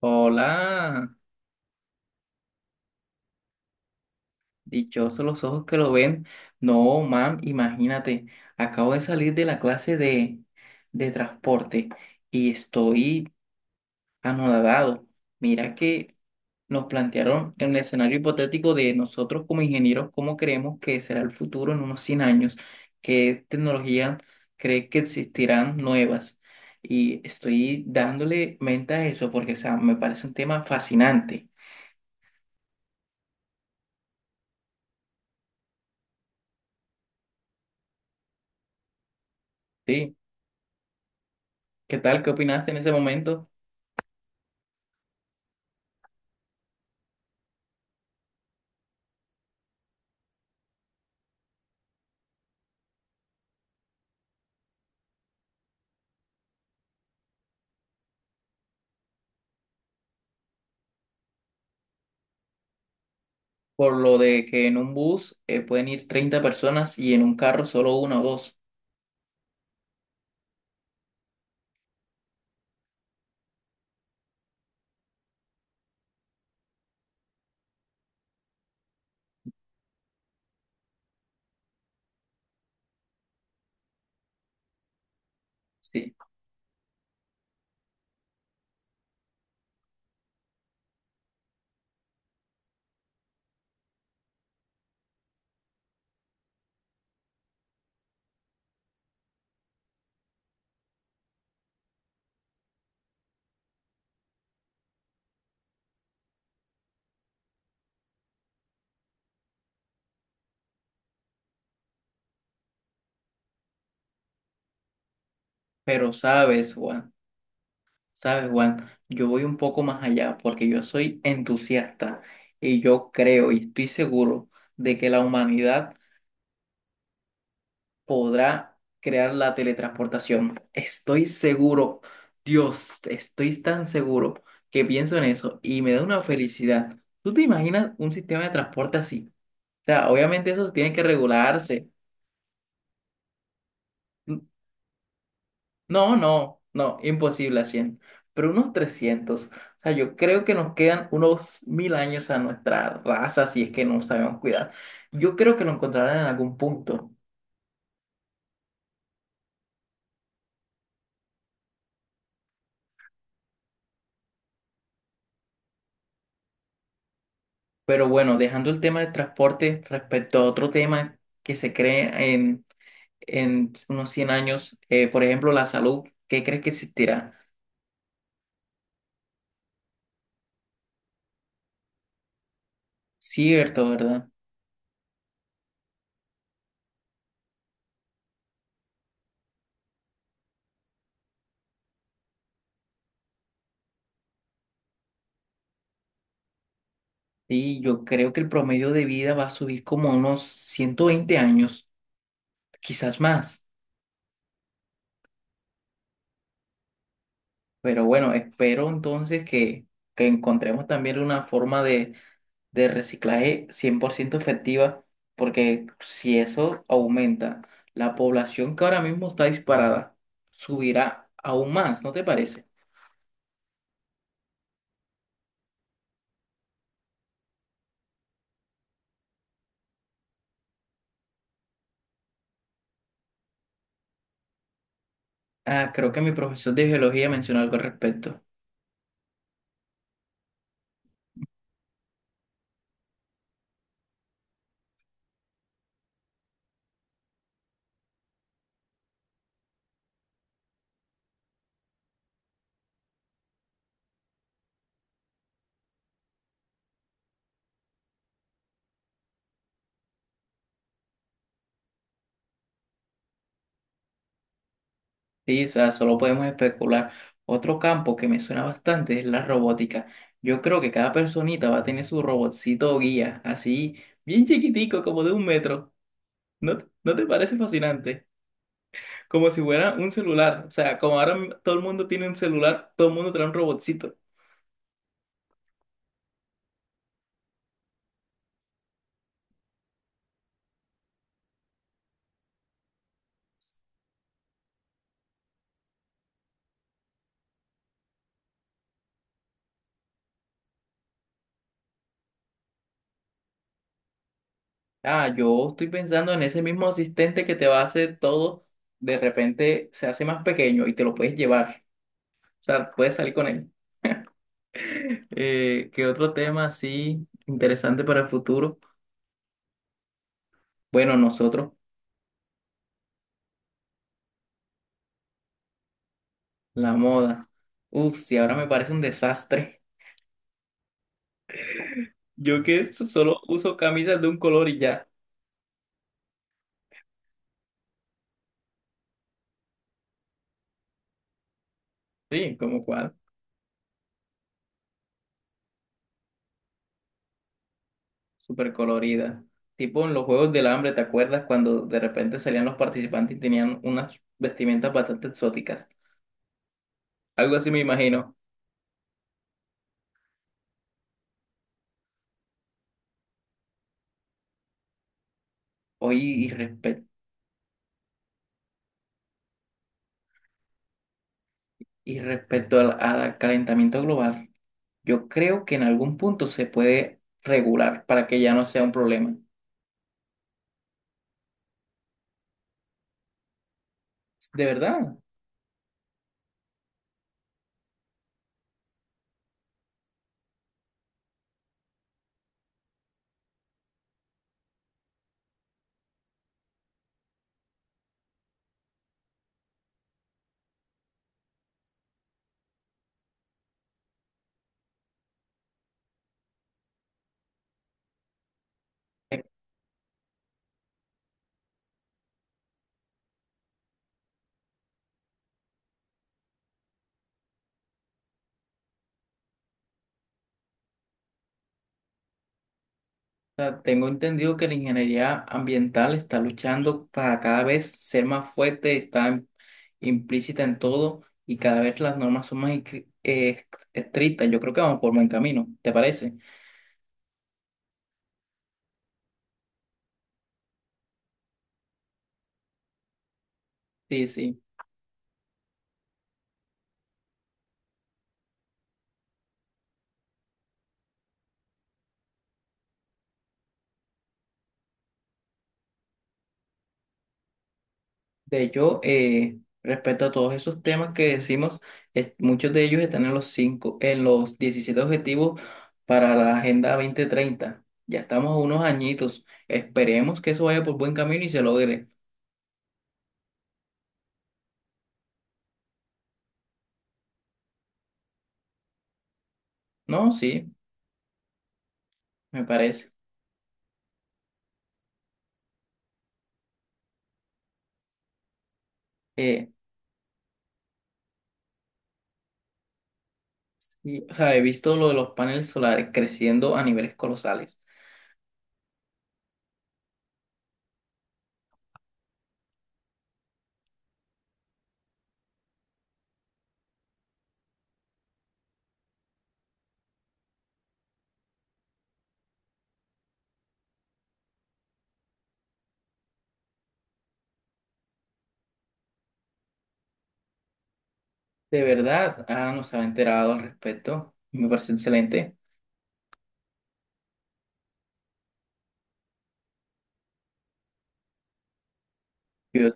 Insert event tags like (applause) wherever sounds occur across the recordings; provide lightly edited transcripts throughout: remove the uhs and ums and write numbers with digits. Hola, dichosos los ojos que lo ven. No, mam, imagínate, acabo de salir de la clase de transporte y estoy anodadado. Mira que nos plantearon en el escenario hipotético de nosotros como ingenieros, cómo creemos que será el futuro en unos 100 años, qué tecnologías cree que existirán nuevas. Y estoy dándole mente a eso porque, o sea, me parece un tema fascinante. ¿Sí? ¿Qué tal? ¿Qué opinaste en ese momento? Por lo de que en un bus pueden ir 30 personas y en un carro solo uno o dos. Sí, pero sabes, Juan, yo voy un poco más allá porque yo soy entusiasta y yo creo y estoy seguro de que la humanidad podrá crear la teletransportación. Estoy seguro, Dios, estoy tan seguro que pienso en eso y me da una felicidad. ¿Tú te imaginas un sistema de transporte así? O sea, obviamente eso tiene que regularse. No, no, no, imposible a 100, pero unos 300. O sea, yo creo que nos quedan unos 1.000 años a nuestra raza si es que no sabemos cuidar. Yo creo que lo encontrarán en algún punto. Pero bueno, dejando el tema del transporte respecto a otro tema que se cree en unos 100 años, por ejemplo, la salud, ¿qué crees que existirá? Cierto, ¿verdad? Sí, yo creo que el promedio de vida va a subir como unos 120 años, quizás más. Pero bueno, espero entonces que encontremos también una forma de reciclaje 100% efectiva, porque si eso aumenta, la población que ahora mismo está disparada subirá aún más, ¿no te parece? Ah, creo que mi profesor de geología mencionó algo al respecto. Sí, o sea, solo podemos especular. Otro campo que me suena bastante es la robótica. Yo creo que cada personita va a tener su robotcito guía, así bien chiquitico, como de 1 metro. ¿No, no te parece fascinante? Como si fuera un celular. O sea, como ahora todo el mundo tiene un celular, todo el mundo trae un robotcito. Ah, yo estoy pensando en ese mismo asistente que te va a hacer todo, de repente se hace más pequeño y te lo puedes llevar. O sea, puedes salir con él. ¿Qué otro tema así interesante para el futuro? Bueno, nosotros, la moda. Uf, si ahora me parece un desastre. Yo que solo uso camisas de un color y ya. Sí, como cual. Súper colorida. Tipo en los Juegos del Hambre, ¿te acuerdas cuando de repente salían los participantes y tenían unas vestimentas bastante exóticas? Algo así me imagino. Oye, y respecto al calentamiento global, yo creo que en algún punto se puede regular para que ya no sea un problema. De verdad. Sea, tengo entendido que la ingeniería ambiental está luchando para cada vez ser más fuerte, está implícita en todo y cada vez las normas son más estrictas. Yo creo que vamos por buen camino, ¿te parece? Sí, sí. De hecho, respecto a todos esos temas que decimos, muchos de ellos están en los cinco, en los 17 objetivos para la Agenda 2030. Ya estamos a unos añitos. Esperemos que eso vaya por buen camino y se logre. No, sí, me parece. Eh, Y, o sea, he visto lo de los paneles solares creciendo a niveles colosales. De verdad, ah, no se ha enterado al respecto. Me parece excelente. Yo-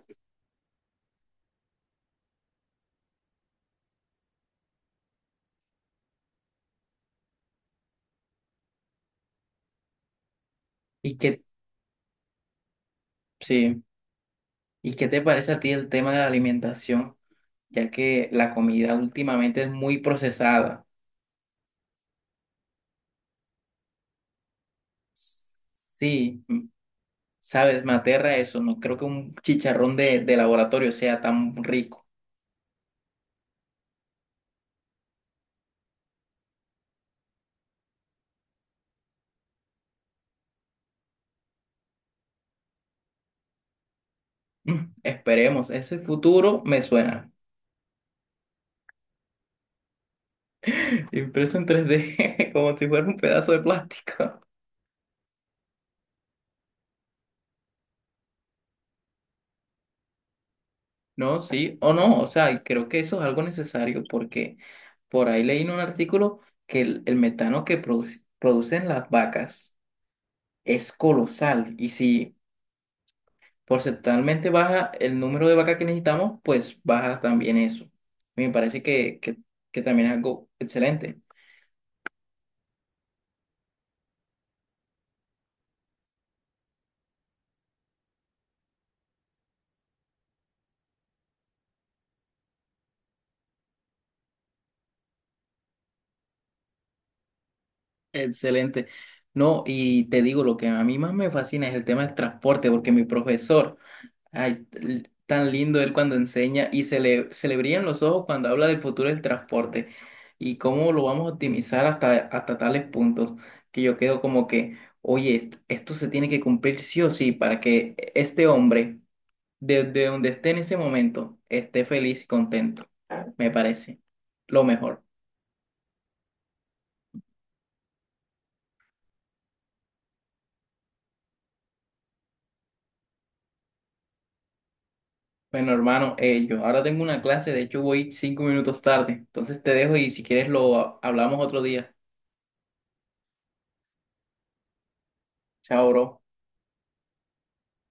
¿y qué, sí, ¿y qué te parece a ti el tema de la alimentación? Ya que la comida últimamente es muy procesada. Sí, sabes, me aterra eso. No creo que un chicharrón de laboratorio sea tan rico. Esperemos, ese futuro me suena. (laughs) Impreso en 3D, (laughs) como si fuera un pedazo de plástico. No, sí, o no, o sea, y creo que eso es algo necesario porque por ahí leí en un artículo que el metano que producen las vacas es colosal y si porcentualmente baja el número de vacas que necesitamos, pues baja también eso. Me parece que también es algo excelente, excelente. No, y te digo, lo que a mí más me fascina es el tema del transporte porque mi profesor... Ay, tan lindo él cuando enseña y se le brillan los ojos cuando habla del futuro del transporte y cómo lo vamos a optimizar hasta tales puntos que yo quedo como que, oye, esto, se tiene que cumplir sí o sí para que este hombre, desde donde esté en ese momento, esté feliz y contento. Me parece lo mejor. Bueno, hermano, yo ahora tengo una clase, de hecho voy 5 minutos tarde, entonces te dejo y si quieres lo hablamos otro día. Chao, bro.